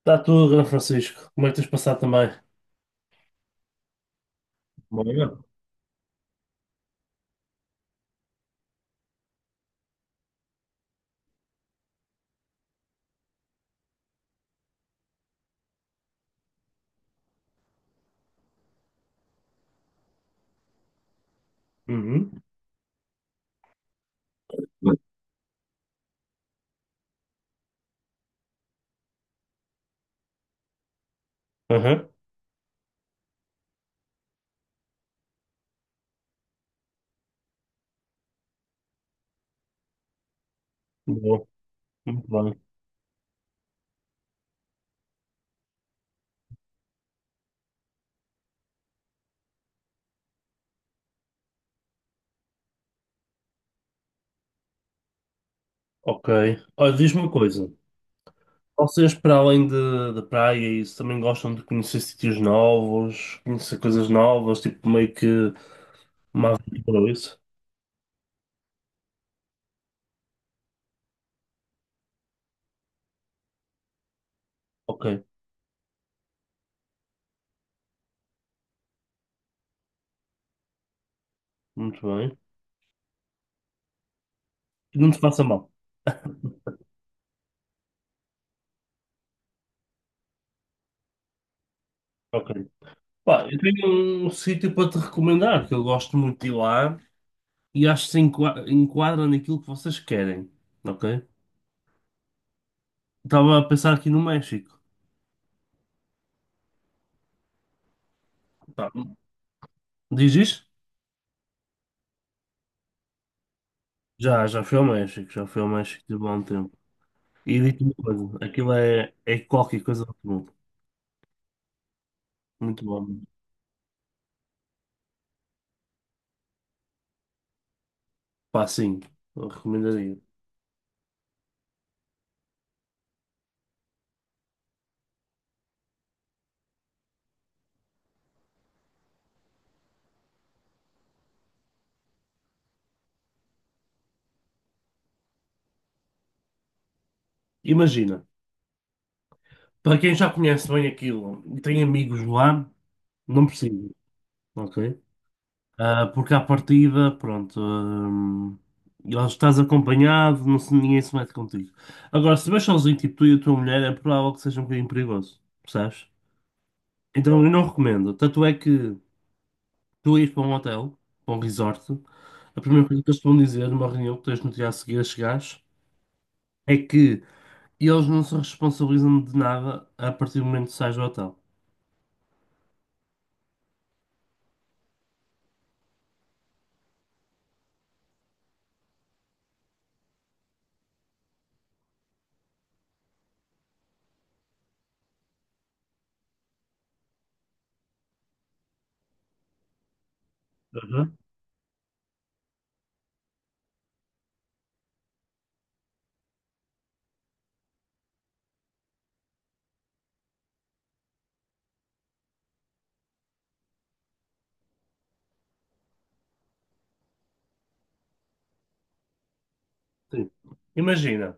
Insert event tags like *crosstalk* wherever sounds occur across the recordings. Está tudo, Grande Francisco. Como é que tens passado também? Bem. Uhum. Uhum. Bom, muito bem. Ok. Olha, diz-me uma coisa. Vocês, para além de praia, e isso também gostam de conhecer sítios novos, conhecer coisas novas, tipo meio que uma aventura, ou isso? Ok, muito bem. E não te faça mal. Ok. Pá, eu tenho um sítio para te recomendar, que eu gosto muito de ir lá e acho que se enquadra naquilo que vocês querem. Ok? Estava a pensar aqui no México. Pá, diz isto? Já fui ao México, já fui ao México de bom tempo. E digo-te uma coisa, aquilo é qualquer coisa muito bom. Muito bom. Pá, sim, eu recomendaria. Imagina, para quem já conhece bem aquilo e tem amigos lá, não precisa, ok? Ah, porque à partida, pronto, eles estás acompanhado, não, ninguém se mete contigo. Agora, se vais sozinho, tipo tu e a tua mulher, é provável que seja um bocadinho perigoso, percebes? Então eu não recomendo. Tanto é que tu ires para um hotel, para um resort, a primeira coisa que eles te vão dizer numa reunião que tens no dia a seguir a chegares é que eles não se responsabilizam de nada a partir do momento que sais do hotel. Uhum. Sim. Imagina,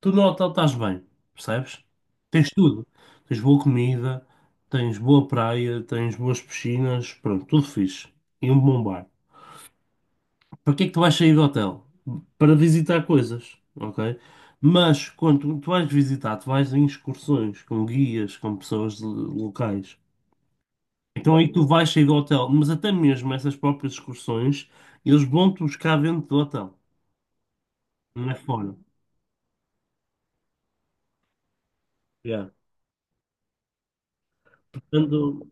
tu no hotel estás bem, percebes? Tens tudo. Tens boa comida, tens boa praia, tens boas piscinas, pronto, tudo fixe. E um bom bar. Para que é que tu vais sair do hotel? Para visitar coisas, ok? Mas quando tu vais visitar, tu vais em excursões com guias, com pessoas locais. Então aí tu vais sair do hotel, mas até mesmo essas próprias excursões, eles vão-te buscar dentro do hotel, não é fora. Yeah. Portanto,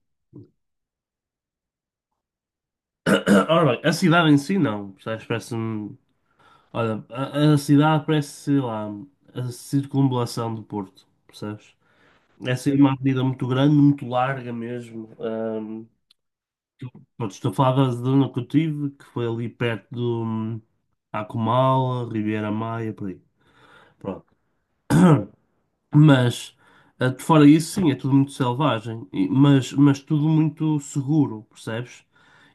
*coughs* *clears throat* ora bem, a cidade em si não, percebes? Parece-me. Olha, a cidade parece, sei lá, a circunvalação do Porto, percebes? Essa é uma avenida muito grande, muito larga mesmo. Pronto, estou a falar da zona que eu tive, que foi ali perto do Acumala, Ribeira Maia, por aí. Pronto. Mas, de fora isso, sim, é tudo muito selvagem, mas tudo muito seguro, percebes?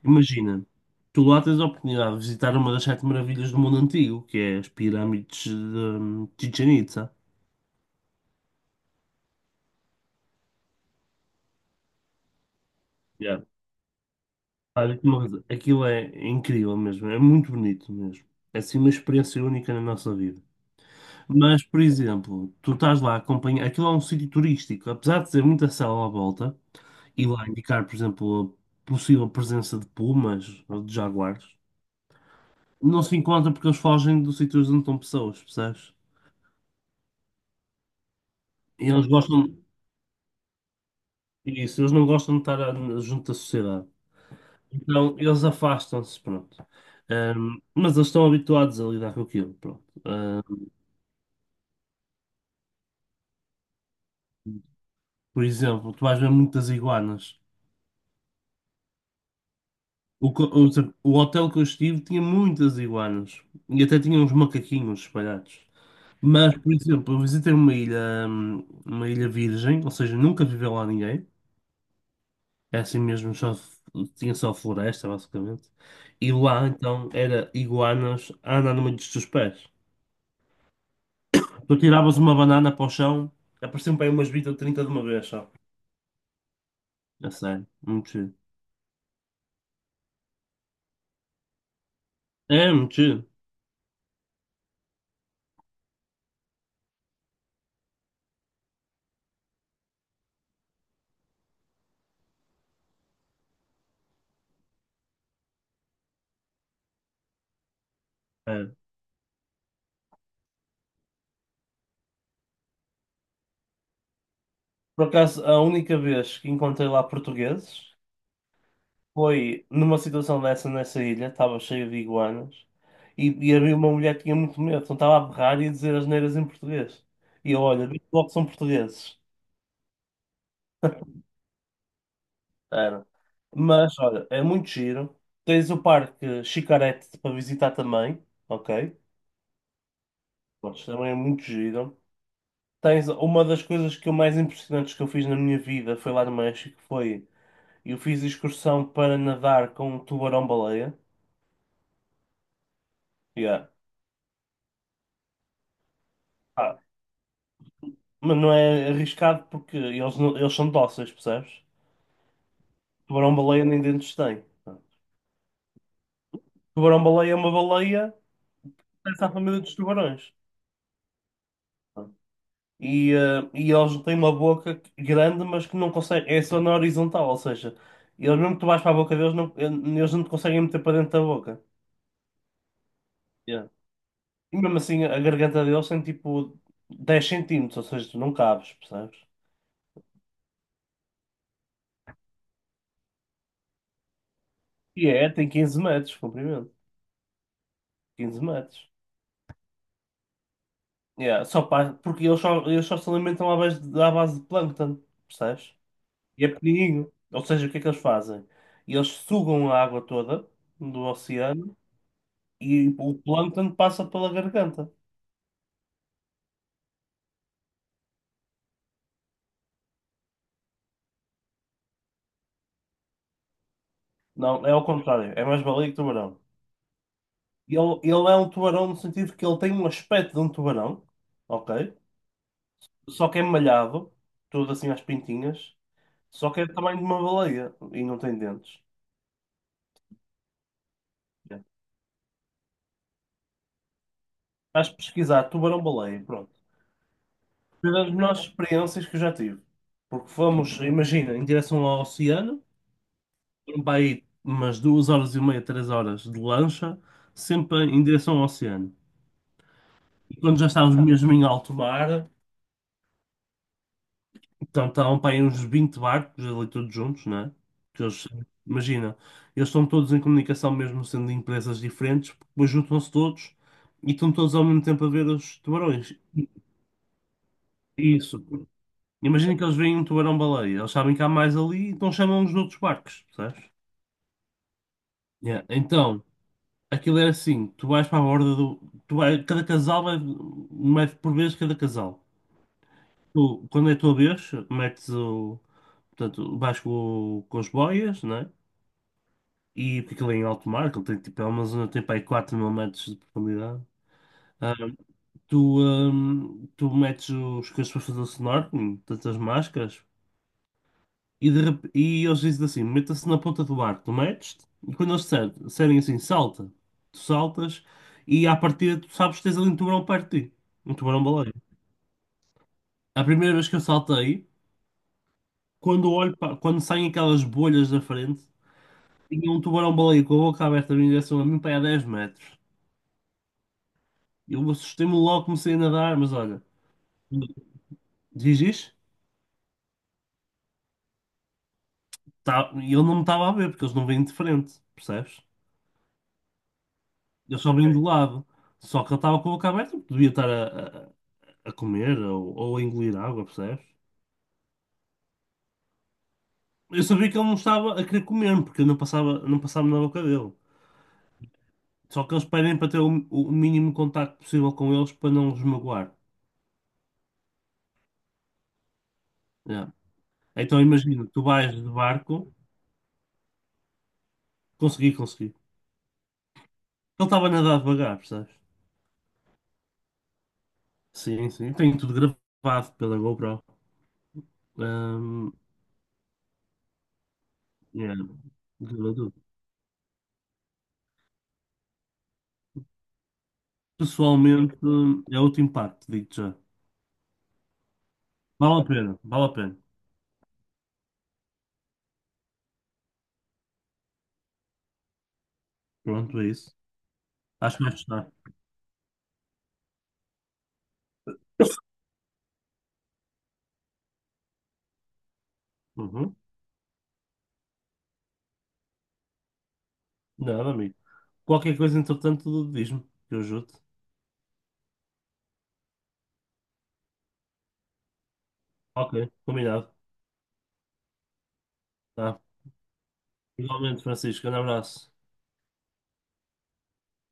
Imagina, tu lá tens a oportunidade de visitar uma das sete maravilhas do mundo antigo, que é as pirâmides de Chichen Itza. Yeah. Pá, digo-te aquilo é incrível mesmo, é muito bonito mesmo. É assim uma experiência única na nossa vida. Mas, por exemplo, tu estás lá a acompanhar. Aquilo é um sítio turístico, apesar de ter muita selva à volta, e lá indicar, por exemplo, a possível presença de pumas ou de jaguares, não se encontra porque eles fogem dos sítios onde estão pessoas, percebes? E eles gostam. Isso, eles não gostam de estar junto da sociedade. Então, eles afastam-se, pronto. Mas eles estão habituados a lidar com aquilo, pronto. Por exemplo, tu vais ver muitas iguanas. O, co- o, o hotel que eu estive tinha muitas iguanas e até tinha uns macaquinhos espalhados. Mas, por exemplo, eu visitei uma ilha virgem, ou seja, nunca viveu lá ninguém. É assim mesmo, só, tinha só floresta, basicamente. E lá, então, era iguanas a andar no meio dos teus pés. Tu tiravas uma banana para o chão, apareciam para aí umas 20 ou 30 de uma vez só. É sério, muito chido. É, muito chido. É. Por acaso, a única vez que encontrei lá portugueses. Foi numa situação dessa nessa ilha, estava cheia de iguanas, e havia uma mulher que tinha muito medo, então estava a berrar e a dizer asneiras em português. E eu, olha, vi logo que são portugueses. Era. Mas, olha, é muito giro. Tens o Parque Xicarete para visitar também, ok? Mas também é muito giro. Tens uma das coisas que eu mais impressionantes que eu fiz na minha vida foi lá no México, foi eu fiz excursão para nadar com um tubarão-baleia. Yeah. Ah, mas não é arriscado porque eles, não- eles são dóceis, percebes? Tubarão-baleia nem dentes tem. Tubarão-baleia é uma baleia, pertence à família dos tubarões. E eles têm uma boca grande, mas que não conseguem. É só na horizontal, ou seja, eles mesmo que tu vais para a boca deles, não, eles não te conseguem meter para dentro da boca. Yeah. E mesmo assim, a garganta deles tem tipo 10 centímetros, ou seja, tu não cabes, percebes? Tem 15 metros de comprimento. 15 metros. Yeah, porque eles só se alimentam à base de plâncton, percebes? E é pequenininho. Ou seja, o que é que eles fazem? Eles sugam a água toda do oceano e o plâncton passa pela garganta. Não, é ao contrário. É mais baleia que tubarão. Ele é um tubarão no sentido que ele tem um aspecto de um tubarão, ok? Só que é malhado, tudo assim às pintinhas. Só que é do tamanho de uma baleia e não tem dentes. Yeah. Vais pesquisar tubarão-baleia, pronto. Foi das melhores experiências que eu já tive. Porque fomos, imagina, em direção ao oceano, foram para aí umas 2 horas e meia, 3 horas de lancha, sempre em direção ao oceano. E quando já estávamos mesmo em alto mar, então estavam para aí uns 20 barcos ali todos juntos, né? Que eles, imagina, eles estão todos em comunicação, mesmo sendo de empresas diferentes, depois juntam-se todos e estão todos ao mesmo tempo a ver os tubarões. Isso. Imagina que eles veem um tubarão-baleia, eles sabem que há mais ali, então chamam os outros barcos, percebes? Yeah, então, aquilo era assim, tu vais para a borda do. Tu vai, cada casal vai, mete por vez cada casal. Tu, quando é a tua vez, metes o. Portanto, vais com as boias, né? E porque aquilo é em alto mar, aquilo tem tipo, é uma zona que tem para aí 4 mil metros de profundidade. Ah, tu, ah, tu metes os coisas para fazer o snorkeling, portanto as máscaras, E eles dizem assim: meta-se na ponta do barco, tu metes-te, e quando eles disserem assim, salta, tu saltas, e à partida tu sabes que tens ali um tubarão perto de ti, um tubarão-baleia. A primeira vez que eu saltei, quando saem aquelas bolhas da frente, tinha um tubarão-baleia com a boca aberta em direção a mim para aí a 10 metros. Eu assustei-me logo, comecei a nadar, mas olha, dizes? Tá, e ele não me estava a ver, porque eles não vêm de frente, percebes? Eles só vêm do, ok, lado. Só que ele estava com a boca aberta, porque devia estar a comer ou a engolir água, percebes? Eu sabia que ele não estava a querer comer, porque eu não passava, não passava na boca dele. Só que eles pedem para ter o mínimo contacto possível com eles para não os magoar. Yeah. Então imagina, tu vais de barco, consegui, consegui. Ele estava a nadar devagar, percebes? Sim, sim. Tenho tudo gravado pela GoPro. Ahm, yeah. Gravei tudo. Pessoalmente, é outro impacto, digo-te já. Vale a pena, vale a pena. Pronto, é isso. Acho que vais gostar. Uhum. Nada, amigo. Qualquer coisa, entretanto, diz-me, que eu ajudo. Ok, combinado. Tá. Igualmente, Francisco, um abraço.